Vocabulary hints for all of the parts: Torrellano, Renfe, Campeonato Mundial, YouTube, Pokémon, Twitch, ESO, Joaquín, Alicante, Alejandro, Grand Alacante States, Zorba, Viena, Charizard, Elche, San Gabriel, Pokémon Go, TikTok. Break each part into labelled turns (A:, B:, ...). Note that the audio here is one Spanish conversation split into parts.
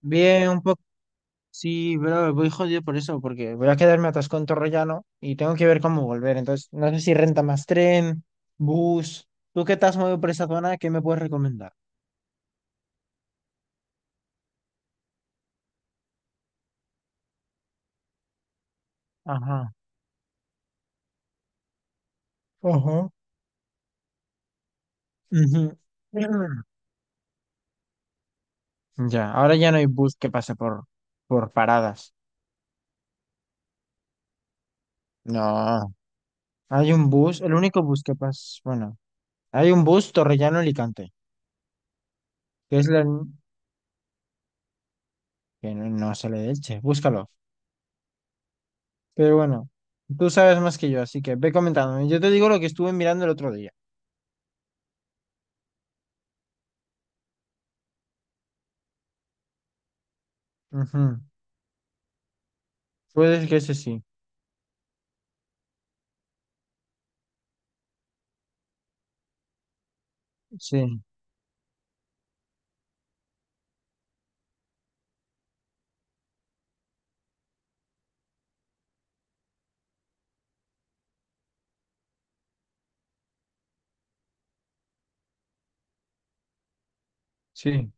A: Bien, un poco. Sí, pero voy jodido por eso, porque voy a quedarme atascado en Torrellano y tengo que ver cómo volver. Entonces, no sé si renta más tren, bus. ¿Tú qué te has movido por esa zona? ¿Qué me puedes recomendar? Ajá. Ajá. Ujú. Ya, ahora ya no hay bus que pase por paradas. No, hay un bus, el único bus que pasa, bueno, hay un bus Torrellano-Alicante, que es la... que no, no sale de Elche, búscalo. Pero bueno, tú sabes más que yo, así que ve comentándome. Yo te digo lo que estuve mirando el otro día. Ujú. Puede que ese sí. Sí, sí.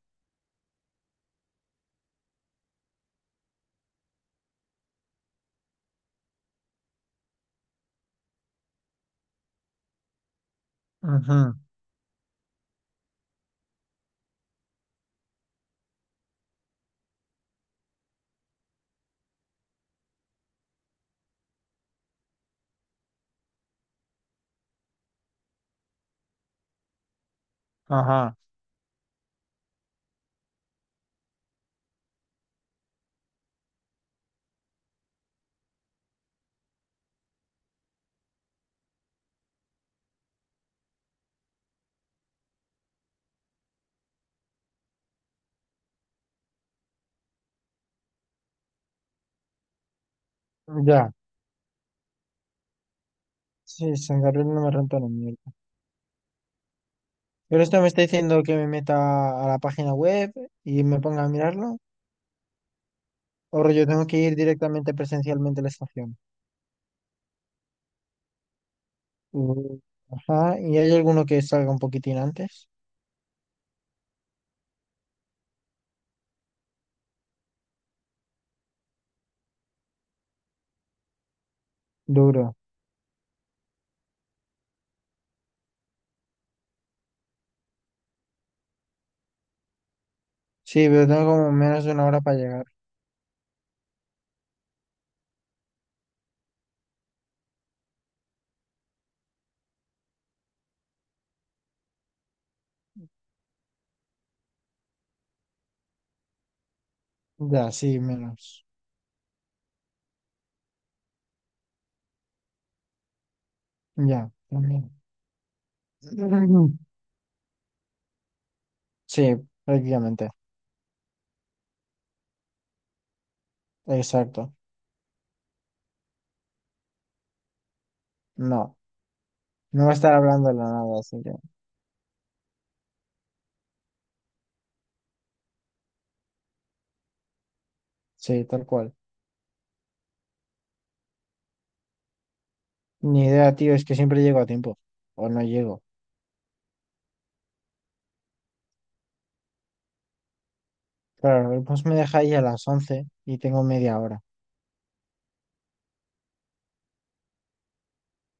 A: Ujú. Ajá. Ya. Sí, San Gabriel no me renta la mierda. Pero esto me está diciendo que me meta a la página web y me ponga a mirarlo. O yo tengo que ir directamente presencialmente a la estación. Uh, Ajá. ¿Y hay alguno que salga un poquitín antes? Duro. Sí, pero tengo como menos de una hora para llegar. Ya, sí, menos. Ya, también. Sí, prácticamente. Exacto. No, no va a estar hablando de la nada, así que sí, tal cual. Ni idea, tío, es que siempre llego a tiempo o no llego. Claro, el bus me deja ahí a las 11 y tengo media hora.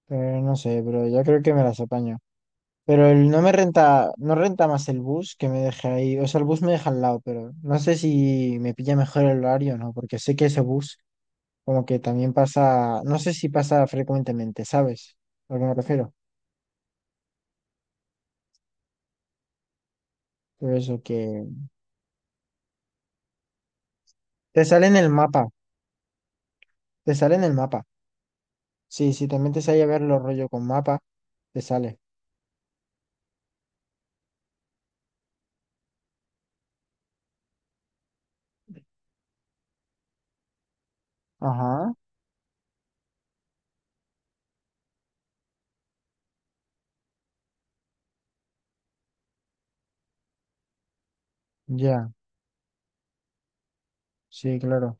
A: Pero no sé, pero yo creo que me las apaño. No me renta, no renta más el bus que me deje ahí. O sea, el bus me deja al lado, pero no sé si me pilla mejor el horario o no, porque sé que ese bus como que también pasa, no sé si pasa frecuentemente, ¿sabes? A lo que me refiero. Pero eso que te sale en el mapa. Te sale en el mapa. Sí, si también te sale a ver los rollo con mapa, te sale. Ajá, ya, sí, claro.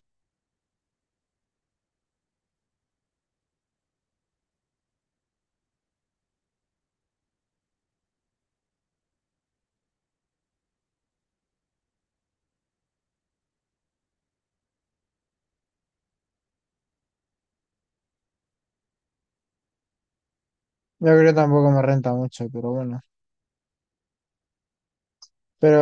A: Yo creo que tampoco me renta mucho, pero bueno. Pero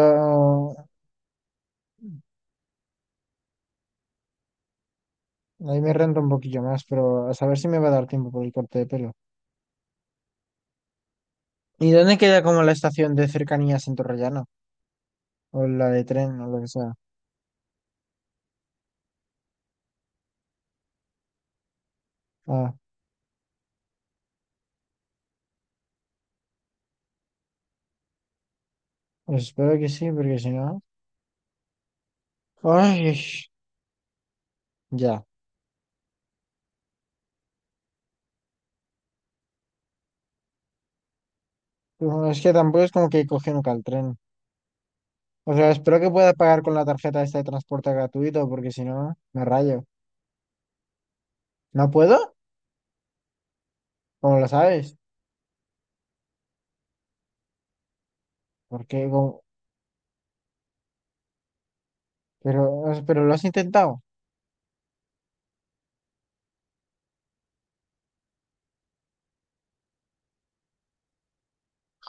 A: ahí me renta un poquillo más, pero a saber si me va a dar tiempo por el corte de pelo. ¿Y dónde queda como la estación de cercanías en Torrellano? O la de tren, o lo que sea. Ah, pues espero que sí, porque si no. Ay, ya. Bueno, es que tampoco es como que coge nunca el tren. O sea, espero que pueda pagar con la tarjeta esta de transporte gratuito, porque si no, me rayo. ¿No puedo? ¿Cómo lo sabes? Porque, pero lo has intentado.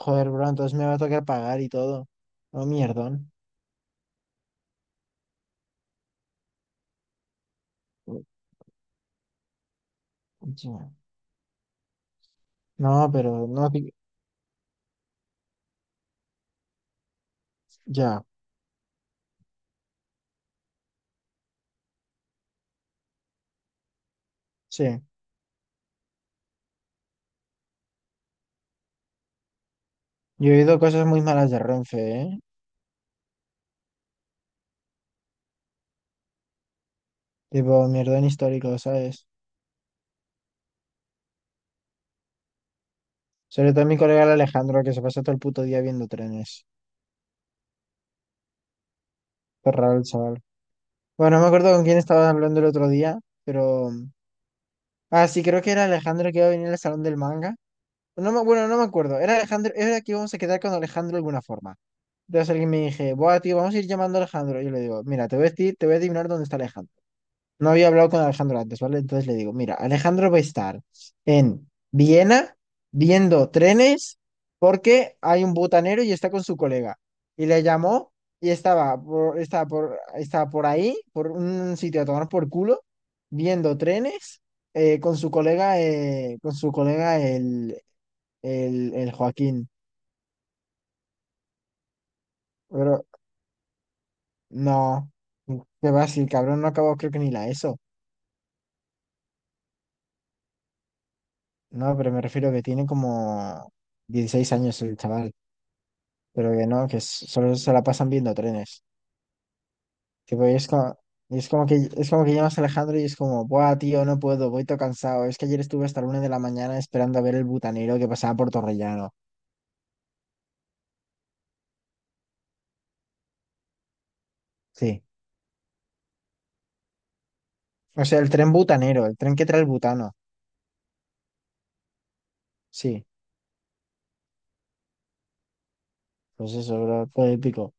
A: Joder, bro, entonces me va a tocar pagar y todo. No, mierdón. Ya. No, pero no, ya, sí. Yo he oído cosas muy malas de Renfe, ¿eh? Tipo, mierdón histórico, ¿sabes? Sobre todo mi colega el Alejandro, que se pasa todo el puto día viendo trenes. Qué raro el chaval. Bueno, no me acuerdo con quién estaba hablando el otro día, pero... Ah, sí, creo que era Alejandro que iba a venir al salón del manga. Bueno, no me acuerdo. Era Alejandro, era que íbamos a quedar con Alejandro de alguna forma. Entonces alguien me dije, buah, tío, vamos a ir llamando a Alejandro. Y yo le digo, mira, te voy a adivinar dónde está Alejandro. No había hablado con Alejandro antes, ¿vale? Entonces le digo, mira, Alejandro va a estar en Viena viendo trenes porque hay un butanero y está con su colega. Y le llamó y estaba por ahí, por un sitio a tomar por culo, viendo trenes con su colega, el Joaquín. Pero no, qué va, si el cabrón no acabó creo que ni la ESO. No, pero me refiero que tiene como 16 años el chaval, pero que no, que solo se la pasan viendo trenes. Tipo, y es como que es como que llamas a Alejandro y es como, buah, tío, no puedo, voy todo cansado. Es que ayer estuve hasta la 1 de la mañana esperando a ver el butanero que pasaba por Torrellano. Sí. O sea, el tren butanero, el tren que trae el butano. Sí, pues eso, bro, todo épico.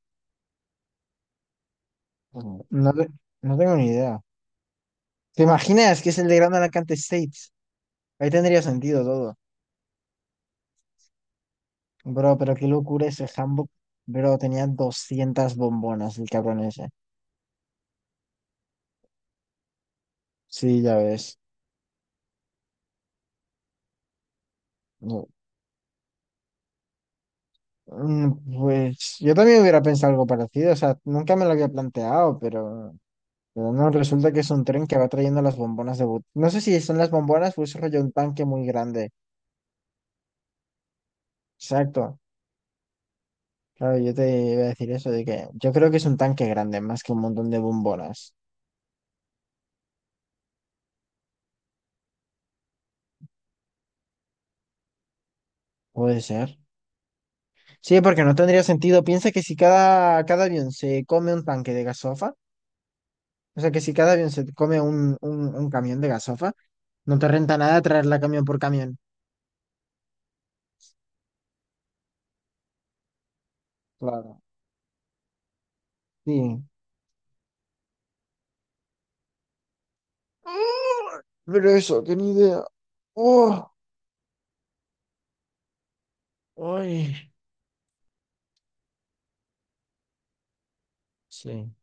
A: No, no tengo ni idea. ¿Te imaginas que es el de Grand Alacante States? Ahí tendría sentido todo. Bro, pero qué locura ese handbook. Bro, tenía 200 bombonas el cabrón ese. Sí, ya ves. No. Mm, Pues yo también hubiera pensado algo parecido. O sea, nunca me lo había planteado, pero no, resulta que es un tren que va trayendo las bombonas de But. No sé si son las bombonas o es rollo un tanque muy grande. Exacto. Claro, yo te iba a decir eso, de que yo creo que es un tanque grande, más que un montón de bombonas. Puede ser. Sí, porque no tendría sentido. Piensa que si cada avión se come un tanque de gasofa, o sea que si cada avión se come un camión de gasofa, no te renta nada traerla camión por camión. Claro. Sí. Pero eso, que ni idea. Oh, ay. Sí.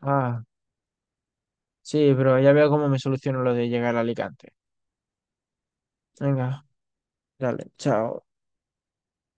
A: Ah, sí, pero ya veo cómo me soluciono lo de llegar a Alicante. Venga, dale, chao.